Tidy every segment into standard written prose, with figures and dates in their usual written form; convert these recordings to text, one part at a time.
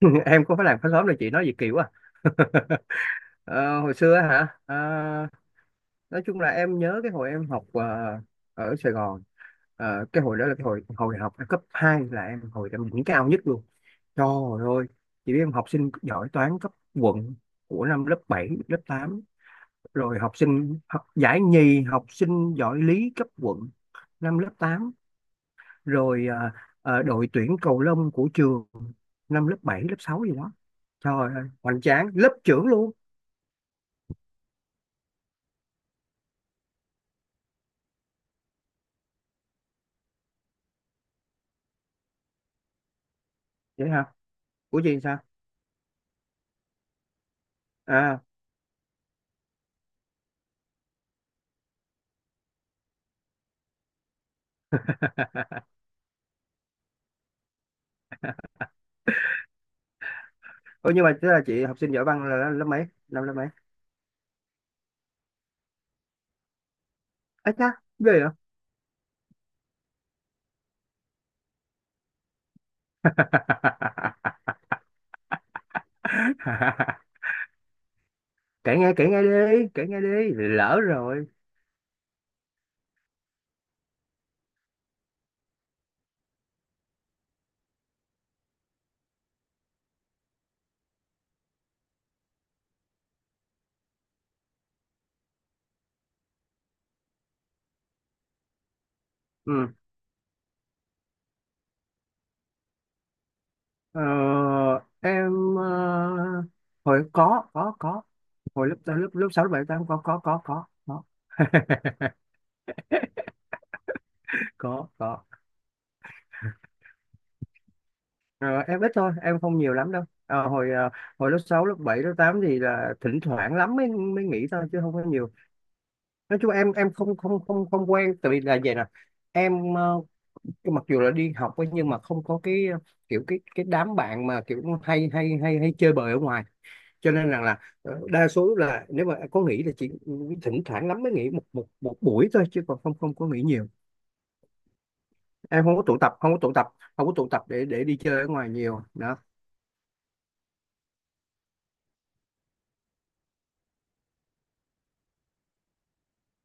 Em có phải làm khá sớm đâu chị nói gì kỳ quá à. Ờ, Hồi xưa á hả. Ờ, nói chung là em nhớ cái hồi em học ở Sài Gòn. Cái hồi đó là cái hồi hồi học cấp 2 là em hồi em điểm cao nhất luôn. Trời ơi chị biết em học sinh giỏi toán cấp quận của năm lớp 7 lớp tám, rồi học sinh học giải nhì học sinh giỏi lý cấp quận năm lớp tám, rồi đội tuyển cầu lông của trường năm lớp 7 lớp 6 gì đó. Trời ơi hoành tráng lớp trưởng luôn. Vậy hả? Của gì sao? À. Ủa nhưng mà tức là chị học sinh giỏi văn là lớp mấy, năm lớp mấy? Ấy cha ghê vậy. Kể nghe, kể nghe đi, kể nghe đi lỡ rồi. Ừ. ờ, em, hồi có, hồi lớp lớp lớp sáu lớp bảy tám có có. Có có. Ờ, em ít thôi em không nhiều lắm đâu. Ờ, Hồi hồi lớp 6 lớp 7 lớp 8 thì là thỉnh thoảng lắm mới mới nghỉ thôi chứ không có nhiều. Nói chung em không không không không quen, tại vì là vậy nè. Em, mặc dù là đi học ấy, nhưng mà không có cái, kiểu cái đám bạn mà kiểu hay hay hay hay chơi bời ở ngoài, cho nên rằng là đa số là nếu mà có nghỉ là chỉ thỉnh thoảng lắm mới nghỉ một một một buổi thôi chứ còn không không có nghỉ nhiều. Em không có tụ tập, không có tụ tập, không có tụ tập để đi chơi ở ngoài nhiều đó.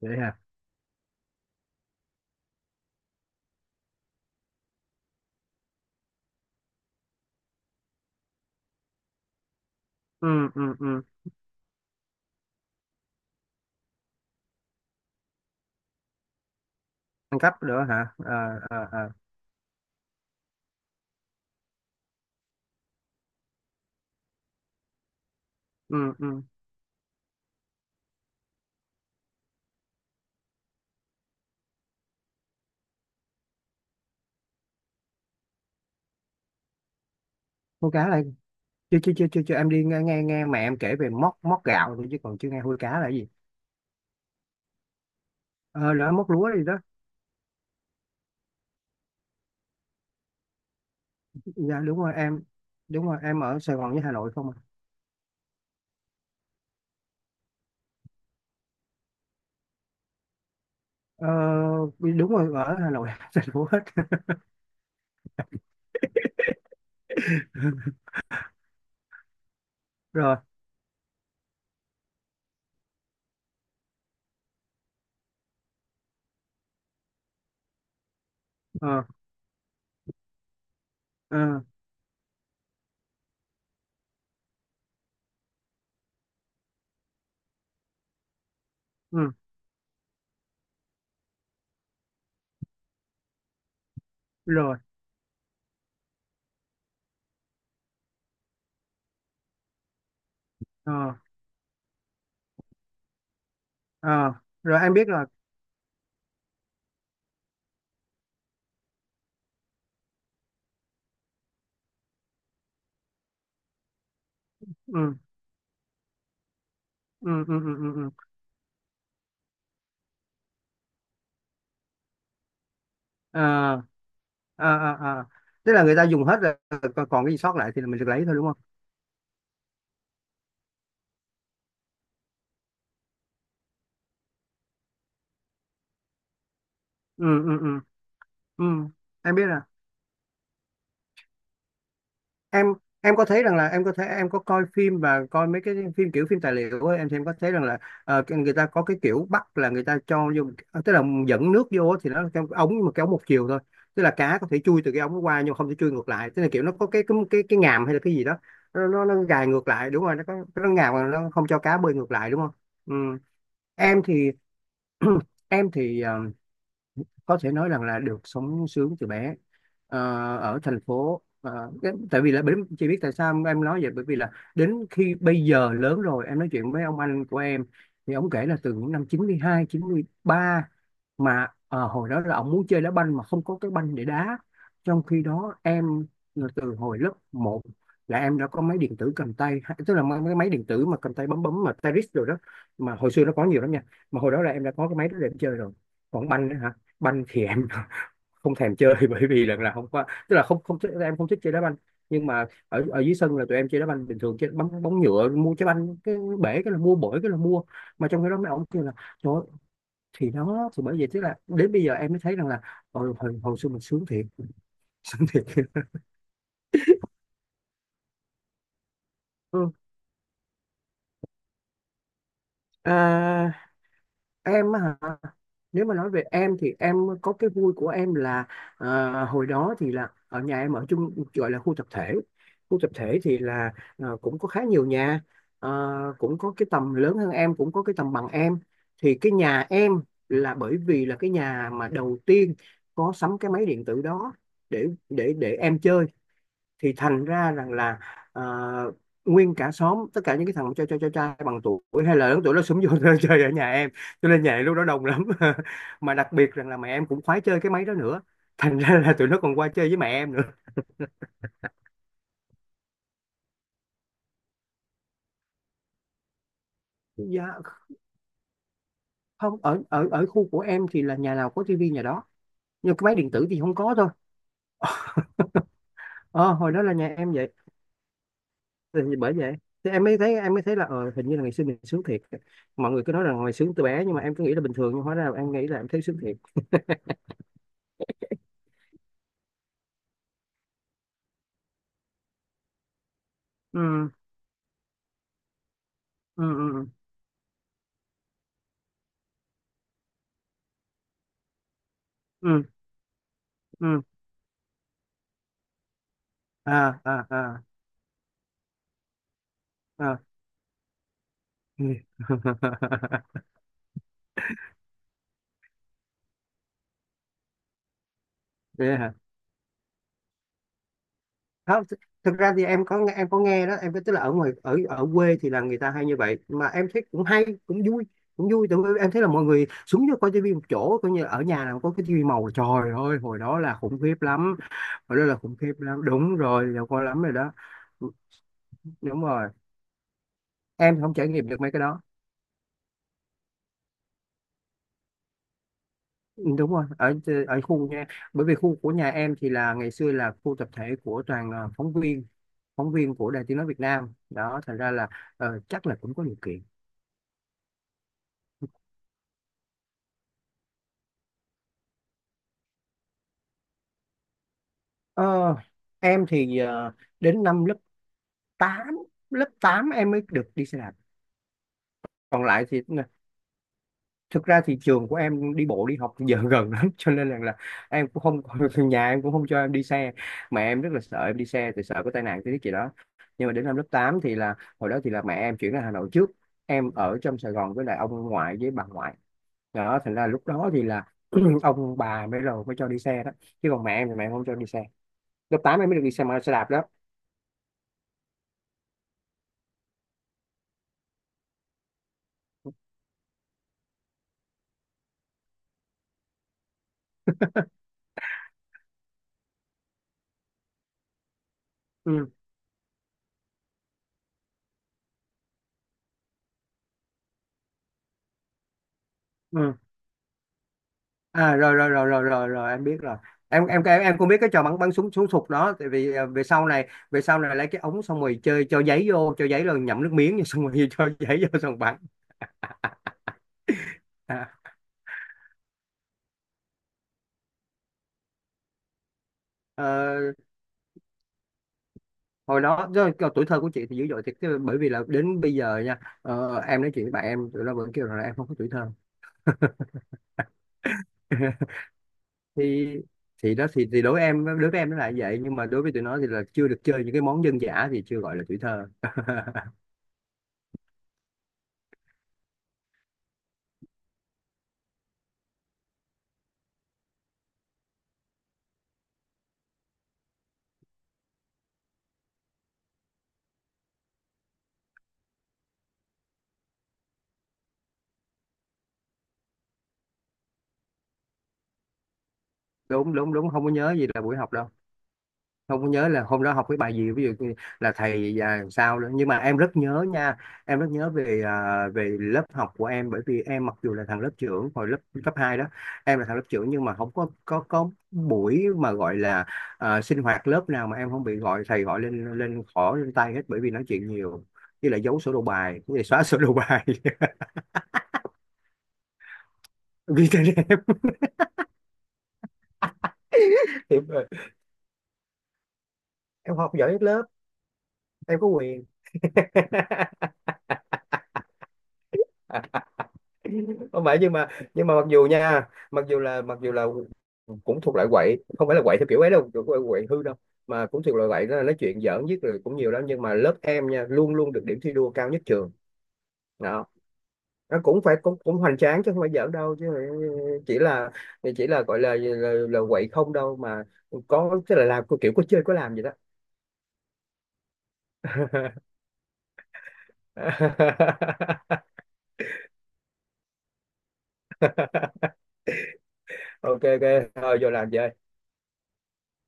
Vậy hả? Ừ, ừ, ừ. Ăn cắp nữa hả? À, à, à. Ừ, ừ. Con cá là. Chưa chưa chưa chưa chưa, em đi nghe nghe nghe mẹ em kể về móc móc gạo thôi chứ còn chưa nghe hôi cá là gì. Ờ là móc lúa gì đó. Dạ đúng rồi em. Đúng rồi, em ở Sài Gòn với Hà Nội không à. ờ Đúng rồi, ở Hà Nội Sài Gòn hết. Rồi. ờ ờ ừ. Rồi. ờ ờ Rồi em biết rồi. Ừ, ừ, ừ, ừ, ừ, ừ. ờ ờ ờ ờ. Tức là người ta dùng hết rồi, còn còn cái gì sót lại thì mình được lấy thôi đúng không. Ừ, ừ, ừ, ừ. Em biết rồi. em em có thấy rằng là em có thấy, em có coi phim và coi mấy cái phim kiểu phim tài liệu ấy, em thì em có thấy rằng là, cái- người ta có cái kiểu bắt là người ta cho vô, tức là dẫn nước vô thì nó là cái ống nhưng mà cái ống một chiều thôi. Tức là cá có thể chui từ cái ống nó qua nhưng mà không thể chui ngược lại, tức là kiểu nó có cái ngàm hay là cái gì đó. Nó gài ngược lại, đúng rồi nó có nó ngàm mà nó không cho cá bơi ngược lại đúng không. Ừ. Em thì, em thì, có thể nói rằng là được sống sướng từ bé. Ờ, Ở thành phố. Ờ, cái- tại vì là bởi- chị biết tại sao em nói vậy, bởi vì là đến khi bây giờ lớn rồi em nói chuyện với ông anh của em thì ông kể là từ những năm 92 93 mà, hồi đó là ông muốn chơi đá banh mà không có cái banh để đá, trong khi đó em là từ hồi lớp một là em đã có máy điện tử cầm tay ha- tức là mấy cái máy điện tử mà cầm tay bấm bấm mà Tetris rồi đó, mà hồi xưa nó có nhiều lắm nha. Mà hồi đó là em đã có cái máy đó để em chơi rồi. Còn banh á hả, banh thì em không thèm chơi, bởi vì lần là không có, tức là không không thích- em không thích chơi đá banh. Nhưng mà ở ở dưới sân là tụi em chơi đá banh bình thường, chơi bóng bóng nhựa, mua trái banh cái bể cái là mua, bổi cái là mua, mà trong cái đó mấy ông kêu là trời ơi. Thì đó thì bởi vậy, tức là đến bây giờ em mới thấy rằng là hồi, hồi, hồi xưa mình sướng thiệt. Sướng thiệt. Ừ. à, em á hả, nếu mà nói về em thì em có cái vui của em là, hồi đó thì là ở nhà em ở chung gọi là khu tập thể. Khu tập thể thì là, cũng có khá nhiều nhà, ờ, cũng có cái tầm lớn hơn em cũng có cái tầm bằng em. Thì cái nhà em là bởi vì là cái nhà mà đầu tiên có sắm cái máy điện tử đó để để em chơi, thì thành ra rằng là à, nguyên cả xóm, tất cả những cái thằng trai trai trai trai bằng tuổi hay là lớn tuổi nó xúm vô chơi ở nhà em, cho nên nhà em lúc đó đông lắm. Mà đặc biệt rằng là mẹ em cũng khoái chơi cái máy đó nữa, thành ra là tụi nó còn qua chơi với mẹ em nữa. Dạ không, ở ở ở khu của em thì là nhà nào có tivi nhà đó, nhưng cái máy điện tử thì không có thôi. Ờ hồi đó là nhà em vậy. Thì bởi vậy, thì em mới thấy là hình như là ngày xưa mình sướng thiệt. Mọi người cứ nói rằng ngày sướng từ bé nhưng mà em cứ nghĩ là bình thường, nhưng hóa ra là em nghĩ là em thấy sướng thiệt. Ừ, ừ, ừ, ừ, ừ. À, à, à, à. Ừ. Thế hả? Không th-, thực ra thì em có nghe đó, em có tức là ở ngoài ở ở quê thì là người ta hay như vậy mà em thấy cũng hay cũng vui, cũng vui tại vì em thấy là mọi người xuống cho coi tivi một chỗ, coi như ở nhà nào có cái tivi màu trời ơi hồi đó là khủng khiếp lắm. Hồi đó là khủng khiếp lắm đúng rồi, giờ coi lắm rồi đó. Ừ, đúng rồi. Em thì không trải nghiệm được mấy cái đó. Ừ, đúng rồi, ở ở khu nha, bởi vì khu của nhà em thì là ngày xưa là khu tập thể của toàn, phóng viên, phóng viên của Đài Tiếng nói Việt Nam đó, thành ra là, chắc là cũng có điều kiện. Ờ, em thì, đến năm lớp tám, lớp 8 em mới được đi xe đạp. Còn lại thì thực ra thì trường của em đi bộ đi học giờ gần lắm, cho nên là em cũng không nhà em cũng không cho em đi xe, mà em rất là sợ em đi xe thì sợ có tai nạn cái gì đó. Nhưng mà đến năm lớp 8 thì là hồi đó thì là mẹ em chuyển ra Hà Nội trước, em ở trong Sài Gòn với lại ông ngoại với bà ngoại đó, thành ra lúc đó thì là ông bà mới rồi mới cho đi xe đó, chứ còn mẹ em thì mẹ em không cho đi xe. Lớp 8 em mới được đi xe mà xe đạp đó. Ừ. Ừ. À rồi rồi rồi rồi rồi rồi em biết rồi. Em cũng biết cái trò bắn bắn súng súng sục đó, tại vì về sau này lấy cái ống xong rồi chơi cho giấy vô, cho giấy rồi nhậm nước miếng rồi xong rồi cho giấy vô xong bắn. À. ờ, Hồi đó do- do tuổi thơ của chị thì dữ dội thiệt chứ, bởi vì là đến bây giờ nha, em nói chuyện với bạn em tụi nó vẫn kêu rằng là em không có tuổi thơ. thì thì đó, thì đối với em, đối với em nó là vậy nhưng mà đối với tụi nó thì là chưa được chơi những cái món dân dã thì chưa gọi là tuổi thơ. Đúng đúng đúng, không có nhớ gì là buổi học đâu. Không có nhớ là hôm đó học cái bài gì, ví dụ như là thầy và sao nữa, nhưng mà em rất nhớ nha. Em rất nhớ về về lớp học của em, bởi vì em mặc dù là thằng lớp trưởng hồi lớp cấp 2 đó, em là thằng lớp trưởng nhưng mà không có có buổi mà gọi là sinh hoạt lớp nào mà em không bị gọi, thầy gọi lên lên khỏ lên tay hết bởi vì nói chuyện nhiều, như là giấu sổ đầu bài, như là xóa sổ đầu bài. Ghi tên em. Thì em học giỏi nhất lớp, em có quyền. Không phải, nhưng mà, nhưng mà mặc dù nha, mặc dù là cũng thuộc loại quậy, không phải là quậy theo kiểu ấy đâu, kiểu quậy, quậy hư đâu, mà cũng thuộc loại quậy đó là nói chuyện giỡn nhất rồi cũng nhiều lắm, nhưng mà lớp em nha luôn luôn được điểm thi đua cao nhất trường đó. Nó cũng phải cũng cũng hoành tráng chứ không phải giỡn đâu chứ. Chỉ là, chỉ là gọi là là quậy không đâu mà, có tức là làm kiểu có chơi có làm vậy đó. Ok ok, thôi vô làm chơi.